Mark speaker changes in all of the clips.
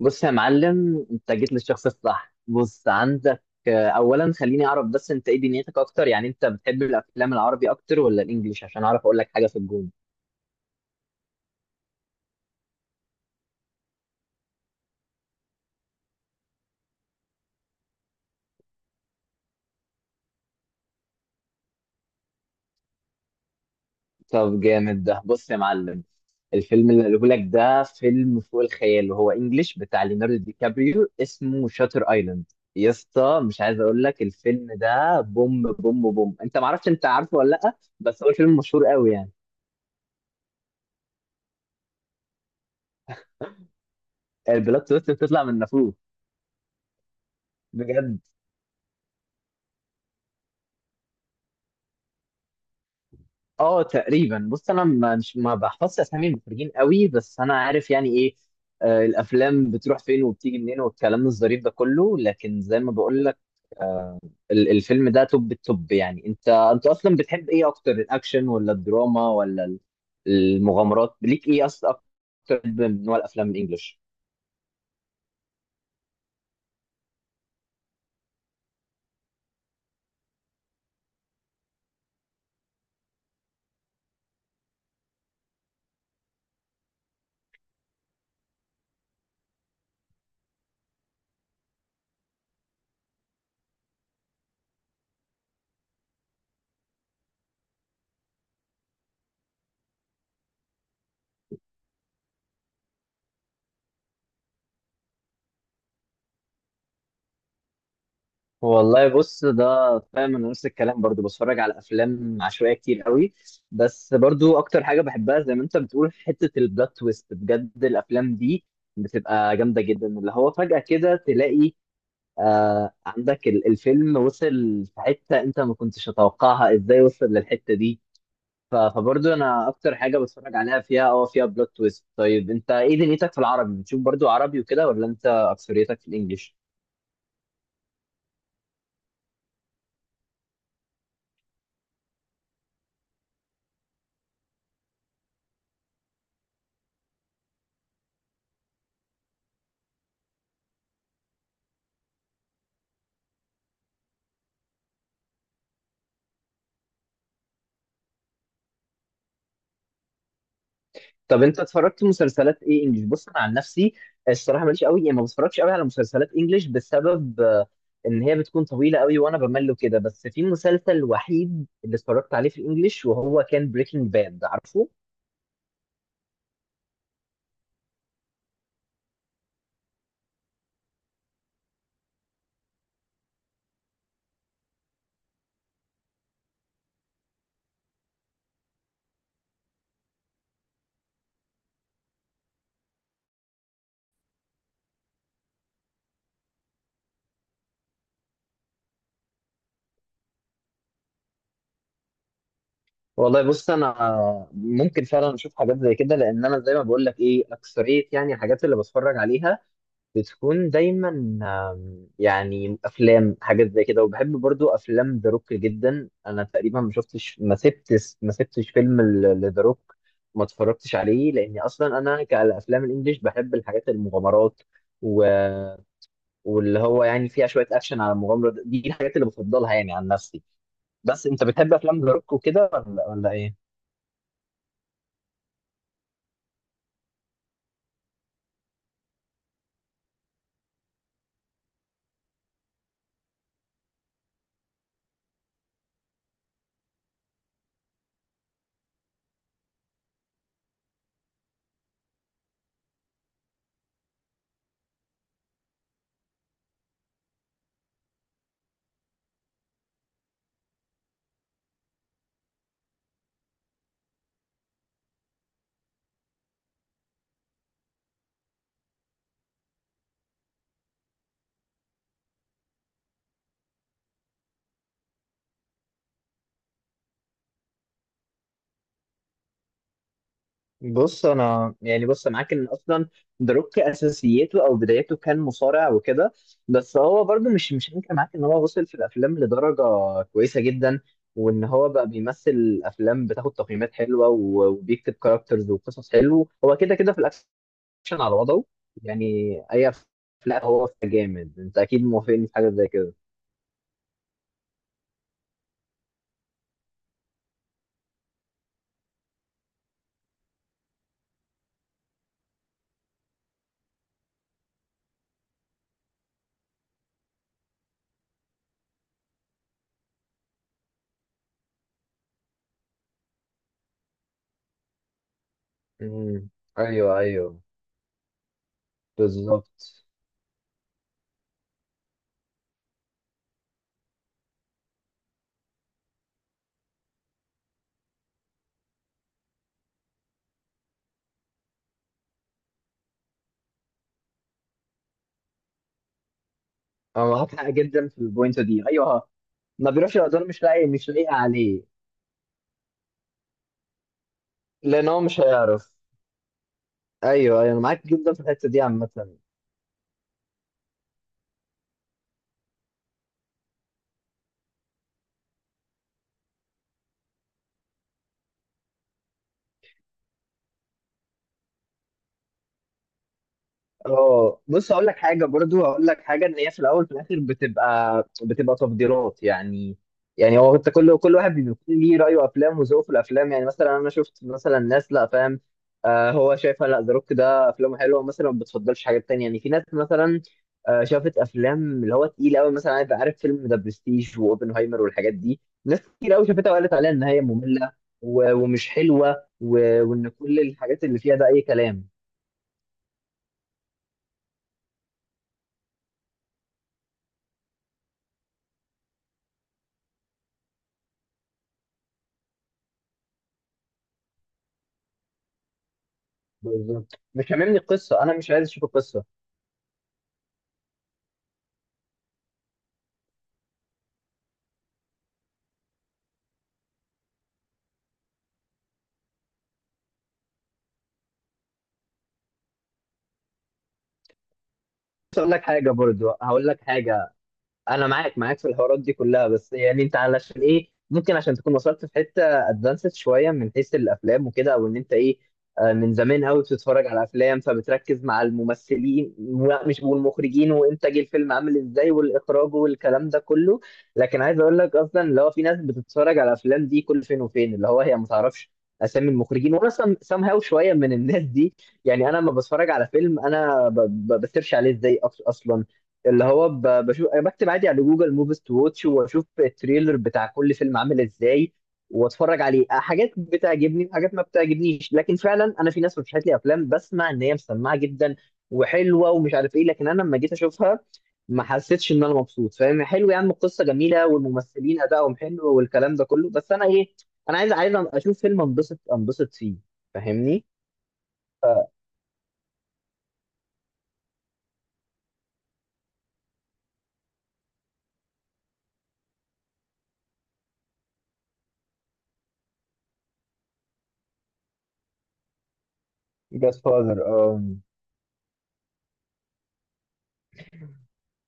Speaker 1: بص يا معلم، انت جيت للشخص الصح. بص عندك. اولا خليني اعرف بس انت ايه دنيتك اكتر؟ يعني انت بتحب الافلام العربي اكتر ولا الانجليش، عشان اعرف اقول لك حاجه في الجون. طب جامد ده. بص يا معلم، الفيلم اللي قاله لك ده فيلم فوق الخيال، وهو انجليش بتاع ليوناردو دي كابريو، اسمه شاتر ايلاند. يا اسطى مش عايز اقول لك الفيلم ده بوم بوم بوم. انت معرفش؟ انت عارفه ولا لا؟ بس هو الفيلم مشهور قوي يعني. البلوت تويست بتطلع من نافوخ؟ بجد؟ اه تقريبا. بص انا مش ما بحفظش اسامي المخرجين قوي، بس انا عارف يعني ايه. الافلام بتروح فين وبتيجي منين والكلام الظريف ده كله. لكن زي ما بقول لك، الفيلم ده توب التوب يعني. انت اصلا بتحب ايه اكتر؟ الاكشن ولا الدراما ولا المغامرات؟ ليك ايه اصلا اكتر من نوع الافلام الانجليش؟ والله بص ده، فاهم انا نفس الكلام. برضو بتفرج على افلام عشوائيه كتير قوي، بس برضو اكتر حاجه بحبها، زي ما انت بتقول، حته البلوت تويست. بجد الافلام دي بتبقى جامده جدا، اللي هو فجاه كده تلاقي آه، عندك الفيلم وصل في حته انت ما كنتش تتوقعها، ازاي وصل للحته دي؟ ف- فبرضو انا اكتر حاجه بتفرج عليها فيها اه، فيها بلوت تويست. طيب انت ايه دنيتك في العربي؟ بتشوف برضو عربي وكده ولا انت اكثريتك في الانجليش؟ طب انت اتفرجت مسلسلات ايه انجليش؟ بص انا عن نفسي الصراحه ماليش قوي، يعني ما بتفرجش قوي على مسلسلات انجليش بسبب ان هي بتكون طويله قوي وانا بمل كده. بس في مسلسل وحيد اللي اتفرجت عليه في الانجليش وهو كان بريكنج باد، عارفه؟ والله بص انا ممكن فعلا اشوف حاجات زي كده، لان انا زي ما بقول لك ايه، اكثريه يعني الحاجات اللي بتفرج عليها بتكون دايما يعني افلام حاجات زي كده. وبحب برضو افلام ذا روك جدا. انا تقريبا ما شفتش ما سبتش فيلم لذا روك ما اتفرجتش عليه، لاني اصلا انا كالافلام الانجليش بحب الحاجات المغامرات و... واللي هو يعني فيها شويه اكشن على المغامره دي، الحاجات اللي بفضلها يعني عن نفسي. بس انت بتحب افلام ذا روك وكده ولا ايه؟ بص انا يعني، بص أنا معاك ان اصلا ذا روك اساسيته او بدايته كان مصارع وكده، بس هو برضو مش هنكر معاك ان هو وصل في الافلام لدرجه كويسه جدا، وان هو بقى بيمثل افلام بتاخد تقييمات حلوه وبيكتب كاركترز وقصص حلوه. هو كده كده في الاكشن على وضعه يعني، اي افلام هو جامد. انت اكيد موافقني في حاجه زي كده. امم، ايوه ايوه، بالظبط. انا معاك حق جدا في البوينت دي، ايوه. ما بيروحش الادوار، مش لاقي مش لاقي عليه، لان هو مش هيعرف. ايوه ايوه، انا معاك جدا في الحته دي عامه. اه بص هقول لك حاجه، برضو هقول لك حاجه، ان هي في الاول في الاخر بتبقى تفضيلات يعني. يعني هو انت، كل واحد بيكون ليه رايه وافلام وذوقه في الافلام. يعني مثلا انا شفت مثلا ناس، لا فاهم آه، هو شايفها لا ذا روك ده افلامه حلوه مثلا، ما بتفضلش حاجات تانية. يعني في ناس مثلا آه، شافت افلام اللي هو تقيل قوي، مثلا عارف فيلم ذا برستيج واوبنهايمر والحاجات دي، ناس كتير قوي شافتها وقالت عليها ان هي ممله ومش حلوه وان كل الحاجات اللي فيها ده اي كلام. بالظبط، مش هاممني القصه، انا مش عايز اشوف القصه. بس اقول لك حاجه، برضو هقول لك حاجه، انا معاك في الحوارات دي كلها، بس يعني انت علشان ايه؟ ممكن عشان تكون وصلت في حته ادفانسد شويه من حيث الافلام وكده، او ان انت ايه، من زمان قوي بتتفرج على افلام فبتركز مع الممثلين و- مش والمخرجين وانتاج الفيلم عامل ازاي والاخراج والكلام ده كله. لكن عايز اقول لك اصلا، اللي هو في ناس بتتفرج على الافلام دي كل فين وفين، اللي هو هي ما تعرفش اسامي المخرجين. وانا سام هاو شويه من الناس دي، يعني انا لما بتفرج على فيلم انا ب- ب- بسيرش عليه ازاي اصلا، اللي هو بشوف، أنا بكتب عادي على جوجل موفيز تو واتش واشوف التريلر بتاع كل فيلم عامل ازاي واتفرج عليه. حاجات بتعجبني وحاجات ما بتعجبنيش، لكن فعلا انا في ناس رشحت لي افلام بسمع ان هي مسمعه جدا وحلوه ومش عارف ايه، لكن انا لما جيت اشوفها ما حسيتش ان انا مبسوط. فاهم، حلو يا عم، القصه جميله والممثلين ادائهم حلو والكلام ده كله، بس انا ايه، انا عايز اشوف فيلم انبسط فيه، فاهمني. جاد فاذر اه،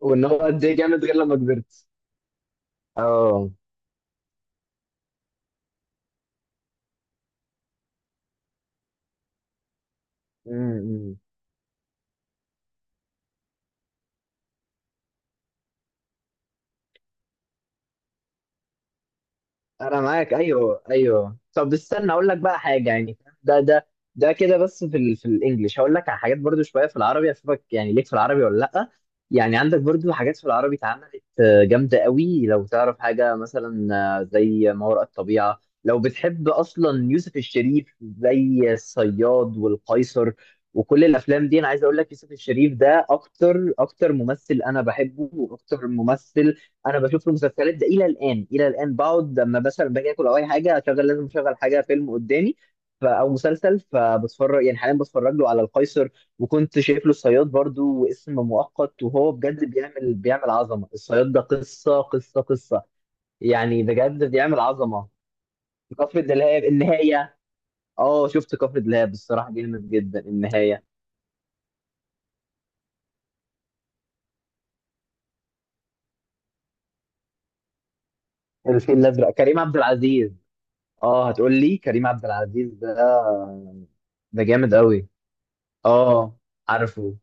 Speaker 1: وان هو قد ايه جامد غير لما كبرت. اه، امم، انا معاك، ايوه ايوه. طب استنى اقول لك بقى حاجه يعني، ده ده ده كده. بس في ال في الانجليش هقول لك على حاجات، برضو شويه في العربي اشوفك يعني، ليك في العربي ولا لا؟ يعني عندك برضو حاجات في العربي اتعملت جامده قوي، لو تعرف حاجه مثلا زي ما وراء الطبيعه. لو بتحب اصلا يوسف الشريف، زي الصياد والقيصر وكل الافلام دي، انا عايز اقول لك يوسف الشريف ده اكتر ممثل انا بحبه، واكتر ممثل انا بشوف المسلسلات ده الى الان. الى الان بقعد لما مثلا باجي اكل او اي حاجه، اشغل، لازم اشغل حاجه فيلم قدامي ف او مسلسل، فبتفرج يعني. حاليا بتفرج له على القيصر، وكنت شايف له الصياد برضو واسم مؤقت، وهو بجد بيعمل عظمه. الصياد ده قصه قصه، يعني بجد بيعمل عظمه. كفر دلهاب النهايه، اه شفت كفر دلهاب، الصراحه جامد جدا النهايه. الفيل الازرق كريم عبد العزيز، اه هتقول لي كريم عبد العزيز، ده ده جامد قوي. اه عارفه،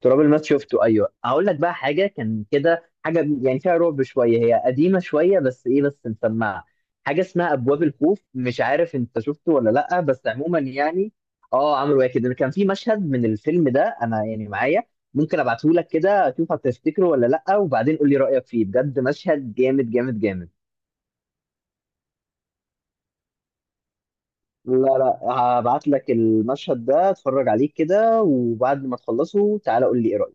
Speaker 1: تراب الماس شفته ايوه. هقول لك بقى حاجه، كان كده حاجه يعني فيها رعب شويه، هي قديمه شويه بس ايه بس مسمعه، حاجه اسمها ابواب الخوف. مش عارف انت شفته ولا لا، بس عموما يعني اه، عملوا ايه كده. كان في مشهد من الفيلم ده انا يعني معايا، ممكن ابعته لك كده شوف هتفتكره ولا لا، وبعدين قول لي رايك فيه. بجد مشهد جامد. لا لا، هبعت لك المشهد ده، اتفرج عليه كده، وبعد ما تخلصه تعالى قول لي ايه رايك.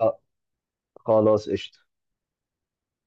Speaker 1: اه، خلاص قشطة.